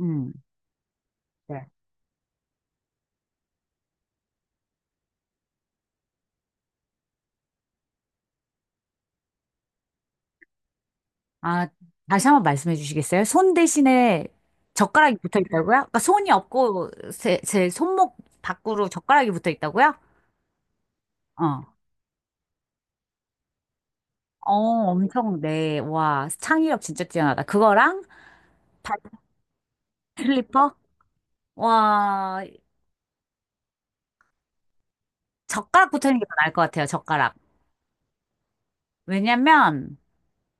음. 네. 아, 다시 한번 말씀해 주시겠어요? 손 대신에 젓가락이 붙어 있다고요? 그러니까 손이 없고 제 손목 밖으로 젓가락이 붙어 있다고요? 어. 어, 엄청, 네. 와, 창의력 진짜 뛰어나다. 그거랑 발 슬리퍼? 와, 젓가락 붙어 있는 게 더 나을 것 같아요, 젓가락. 왜냐면,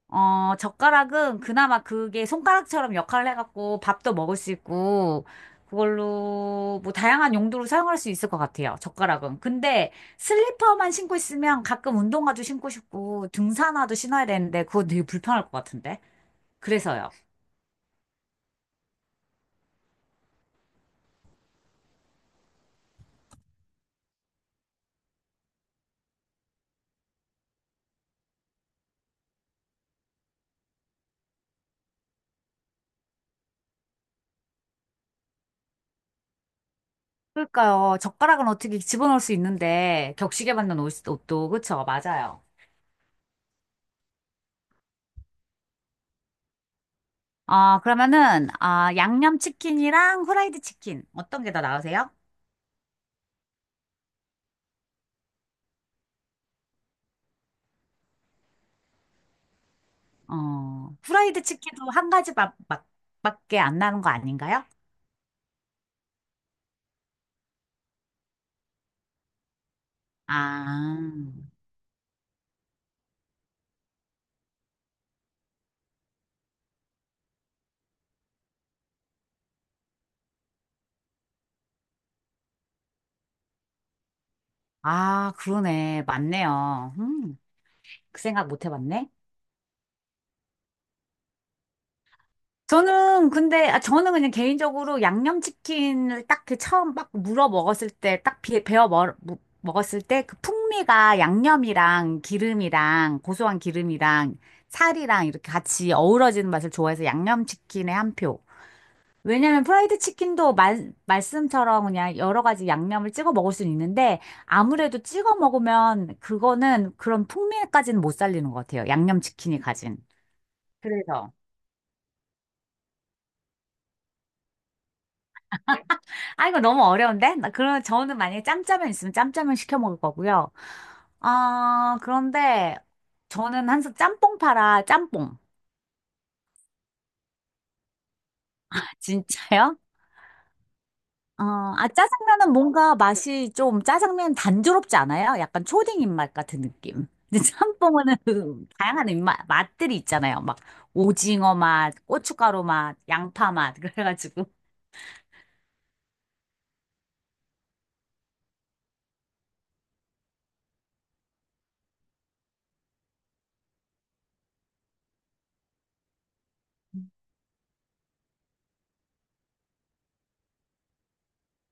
젓가락은 그나마 그게 손가락처럼 역할을 해갖고 밥도 먹을 수 있고, 그걸로 뭐 다양한 용도로 사용할 수 있을 것 같아요. 젓가락은. 근데 슬리퍼만 신고 있으면 가끔 운동화도 신고 싶고, 등산화도 신어야 되는데, 그거 되게 불편할 것 같은데. 그래서요. 그러니까요. 젓가락은 어떻게 집어넣을 수 있는데, 격식에 맞는 옷도, 그쵸? 맞아요. 아, 그러면은, 아, 양념치킨이랑 후라이드 치킨. 어떤 게 더 나으세요? 어, 후라이드 치킨도 한 가지 밖에 안 나는 거 아닌가요? 아, 아, 그러네. 맞네요. 그 생각 못 해봤네. 저는 근데 아, 저는 그냥 개인적으로 양념치킨을 딱 그 처음 막 물어 먹었을 때 딱 베어 먹었을 때 그 풍미가 양념이랑 기름이랑 고소한 기름이랑 살이랑 이렇게 같이 어우러지는 맛을 좋아해서 양념치킨에 한 표. 왜냐면 프라이드 치킨도 말씀처럼 그냥 여러 가지 양념을 찍어 먹을 수는 있는데 아무래도 찍어 먹으면 그거는 그런 풍미까지는 못 살리는 것 같아요. 양념 치킨이 가진. 그래서. 아, 이거 너무 어려운데? 나 그러면 저는 만약에 짬짜면 있으면 짬짜면 시켜 먹을 거고요. 아, 그런데 저는 항상 짬뽕 팔아, 짬뽕. 진짜요? 어, 아, 짜장면은 뭔가 맛이 좀 짜장면 단조롭지 않아요? 약간 초딩 입맛 같은 느낌. 근데 짬뽕은 다양한 입맛, 맛들이 있잖아요. 막 오징어 맛, 고춧가루 맛, 양파 맛, 그래가지고.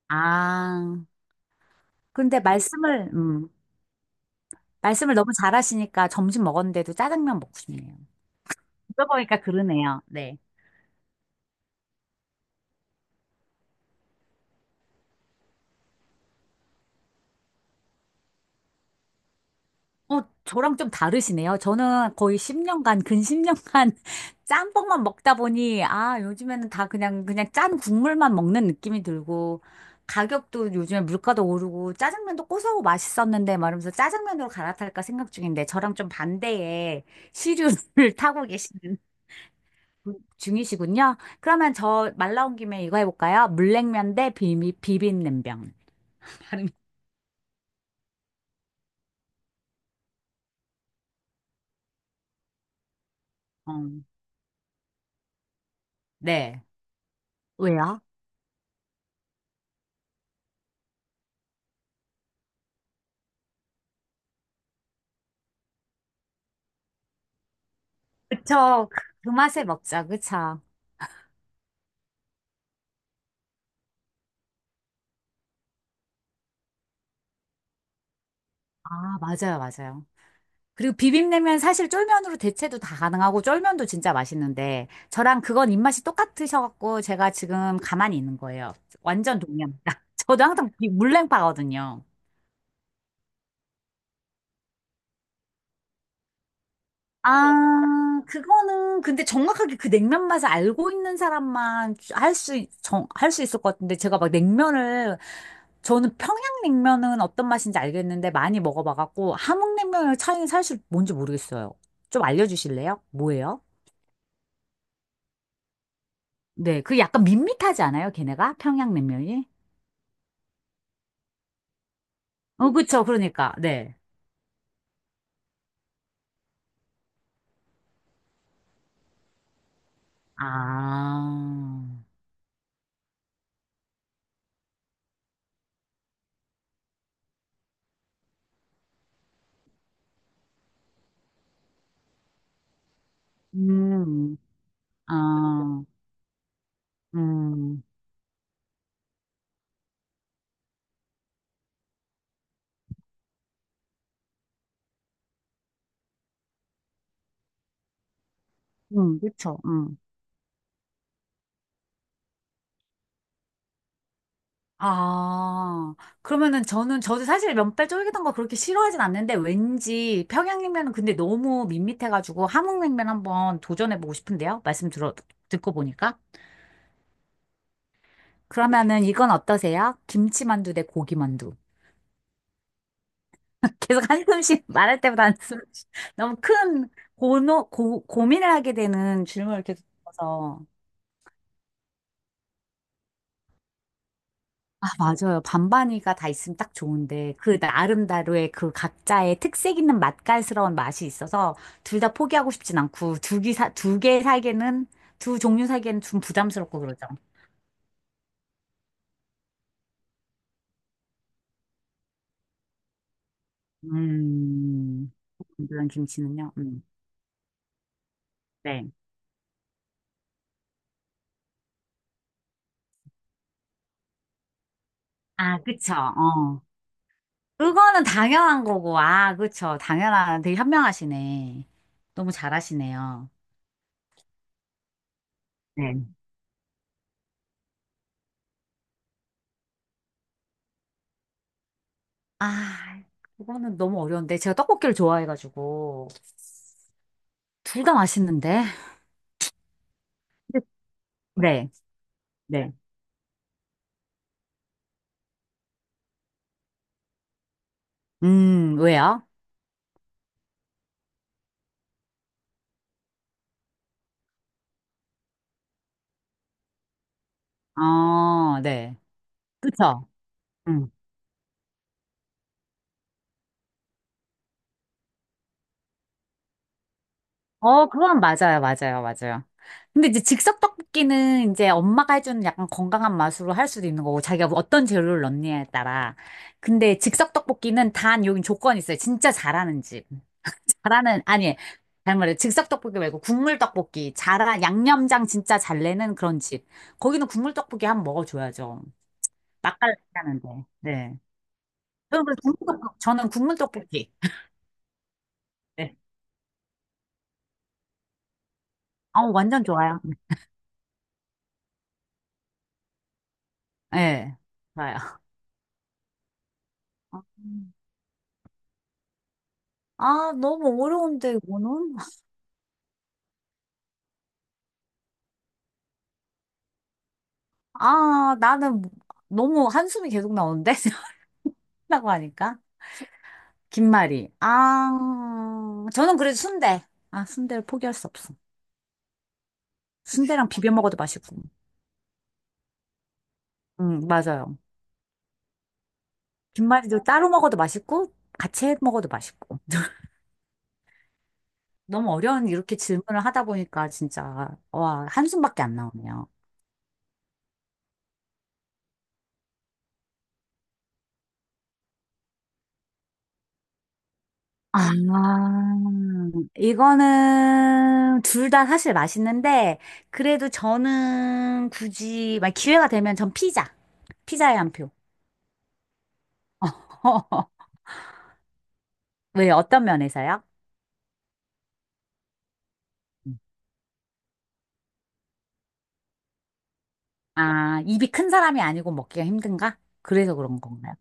아, 근데 말씀을 너무 잘하시니까 점심 먹었는데도 짜장면 먹고 싶네요. 들어보니까 그러네요. 네. 어, 저랑 좀 다르시네요. 저는 거의 10년간, 근 10년간 짬뽕만 먹다 보니, 아, 요즘에는 다 그냥 짠 국물만 먹는 느낌이 들고, 가격도 요즘에 물가도 오르고, 짜장면도 고소하고 맛있었는데, 말하면서 짜장면으로 갈아탈까 생각 중인데, 저랑 좀 반대의 시류를 타고 계신 중이시군요. 그러면 저 말 나온 김에 이거 해볼까요? 물냉면 대 비빔냉면. 발음이. 어, 네. 왜요? 그쵸. 그 맛에 먹자. 그쵸. 아, 맞아요, 맞아요. 그리고 비빔냉면 사실 쫄면으로 대체도 다 가능하고 쫄면도 진짜 맛있는데 저랑 그건 입맛이 똑같으셔갖고 제가 지금 가만히 있는 거예요. 완전 동의합니다. 저도 항상 이 물냉파거든요. 아, 그거는 근데 정확하게 그 냉면 맛을 알고 있는 사람만 정, 할 수 있을 것 같은데 제가 막 냉면을 저는 평양냉면은 어떤 맛인지 알겠는데 많이 먹어봐갖고 함흥냉면의 차이는 사실 뭔지 모르겠어요. 좀 알려주실래요? 뭐예요? 네. 그게 약간 밋밋하지 않아요? 걔네가? 평양냉면이? 어, 그쵸. 그러니까. 네. 아, 음, 아, 음, 그쵸. 음. 아, 그러면은 저는, 저도 사실 면발 쫄깃한 거 그렇게 싫어하진 않는데 왠지 평양냉면은 근데 너무 밋밋해가지고 함흥냉면 한번 도전해보고 싶은데요? 듣고 보니까. 그러면은 이건 어떠세요? 김치만두 대 고기만두. 계속 한숨씩 말할 때마다 한숨 너무 큰 고민을 하게 되는 질문을 계속 줘서 아 맞아요 반반이가 다 있으면 딱 좋은데 그 나름대로의 그 각자의 특색 있는 맛깔스러운 맛이 있어서 둘 다 포기하고 싶진 않고 두개사두 개 사기는 두 종류 사기에는 좀 부담스럽고 그러죠. 음, 이런 김치는요. 네. 아, 그쵸. 어. 그거는 당연한 거고, 아, 그쵸. 당연한, 되게 현명하시네. 너무 잘하시네요. 네. 아, 그거는 너무 어려운데. 제가 떡볶이를 좋아해가지고. 둘 다 맛있는데? 네. 왜요? 어, 네. 그쵸. 음. 어, 그건 맞아요. 근데 이제 즉석 떡볶이는 이제 엄마가 해주는 약간 건강한 맛으로 할 수도 있는 거고, 자기가 어떤 재료를 넣느냐에 따라. 근데 즉석 떡볶이는 단 여긴 조건이 있어요. 진짜 잘하는 집. 잘하는, 아니, 잘말해 즉석 떡볶이 말고 국물 떡볶이. 잘한, 양념장 진짜 잘 내는 그런 집. 거기는 국물 떡볶이 한번 먹어줘야죠. 맛깔 나는데. 네. 저는 그래서 저는 국물 떡볶이. 네. 어, 완전 좋아요. 네. 좋아요. 음. 아, 너무 어려운데, 이거는? 아, 나는 너무 한숨이 계속 나오는데? 라고 하니까. 김말이. 아, 저는 그래도 순대. 아, 순대를 포기할 수 없어. 순대랑 비벼 먹어도 맛있고. 맞아요. 김말이도 따로 먹어도 맛있고 같이 해 먹어도 맛있고. 너무 어려운 이렇게 질문을 하다 보니까 진짜 와, 한숨밖에 안 나오네요. 아, 이거는 둘 다 사실 맛있는데 그래도 저는 굳이 막 기회가 되면 전 피자. 피자에 한 표. 왜 어떤 면에서요? 아, 입이 큰 사람이 아니고 먹기가 힘든가? 그래서 그런 건가요?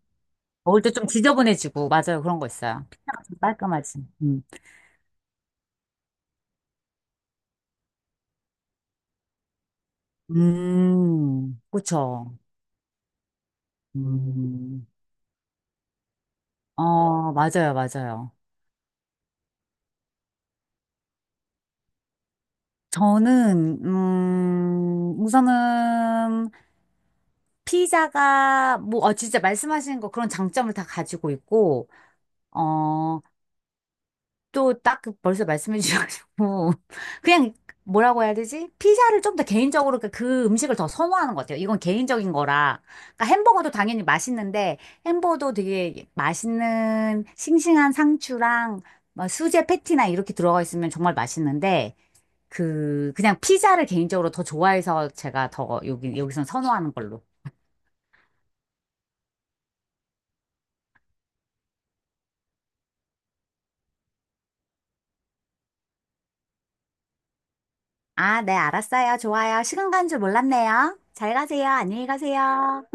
먹을 때 좀 지저분해지고, 맞아요. 그런 거 있어요. 피자가 좀 깔끔하지. 그쵸. 음, 어, 맞아요. 저는, 우선은, 피자가, 뭐, 어, 진짜 말씀하시는 거 그런 장점을 다 가지고 있고, 어, 또딱 그 벌써 말씀해 주셔가지고 그냥 뭐라고 해야 되지? 피자를 좀 더 개인적으로 그그 음식을 더 선호하는 것 같아요. 이건 개인적인 거라. 그러니까 햄버거도 당연히 맛있는데 햄버거도 되게 맛있는 싱싱한 상추랑 막 수제 패티나 이렇게 들어가 있으면 정말 맛있는데 그 그냥 피자를 개인적으로 더 좋아해서 제가 더 여기선 선호하는 걸로. 아, 네, 알았어요. 좋아요. 시간 간 줄 몰랐네요. 잘 가세요. 안녕히 가세요.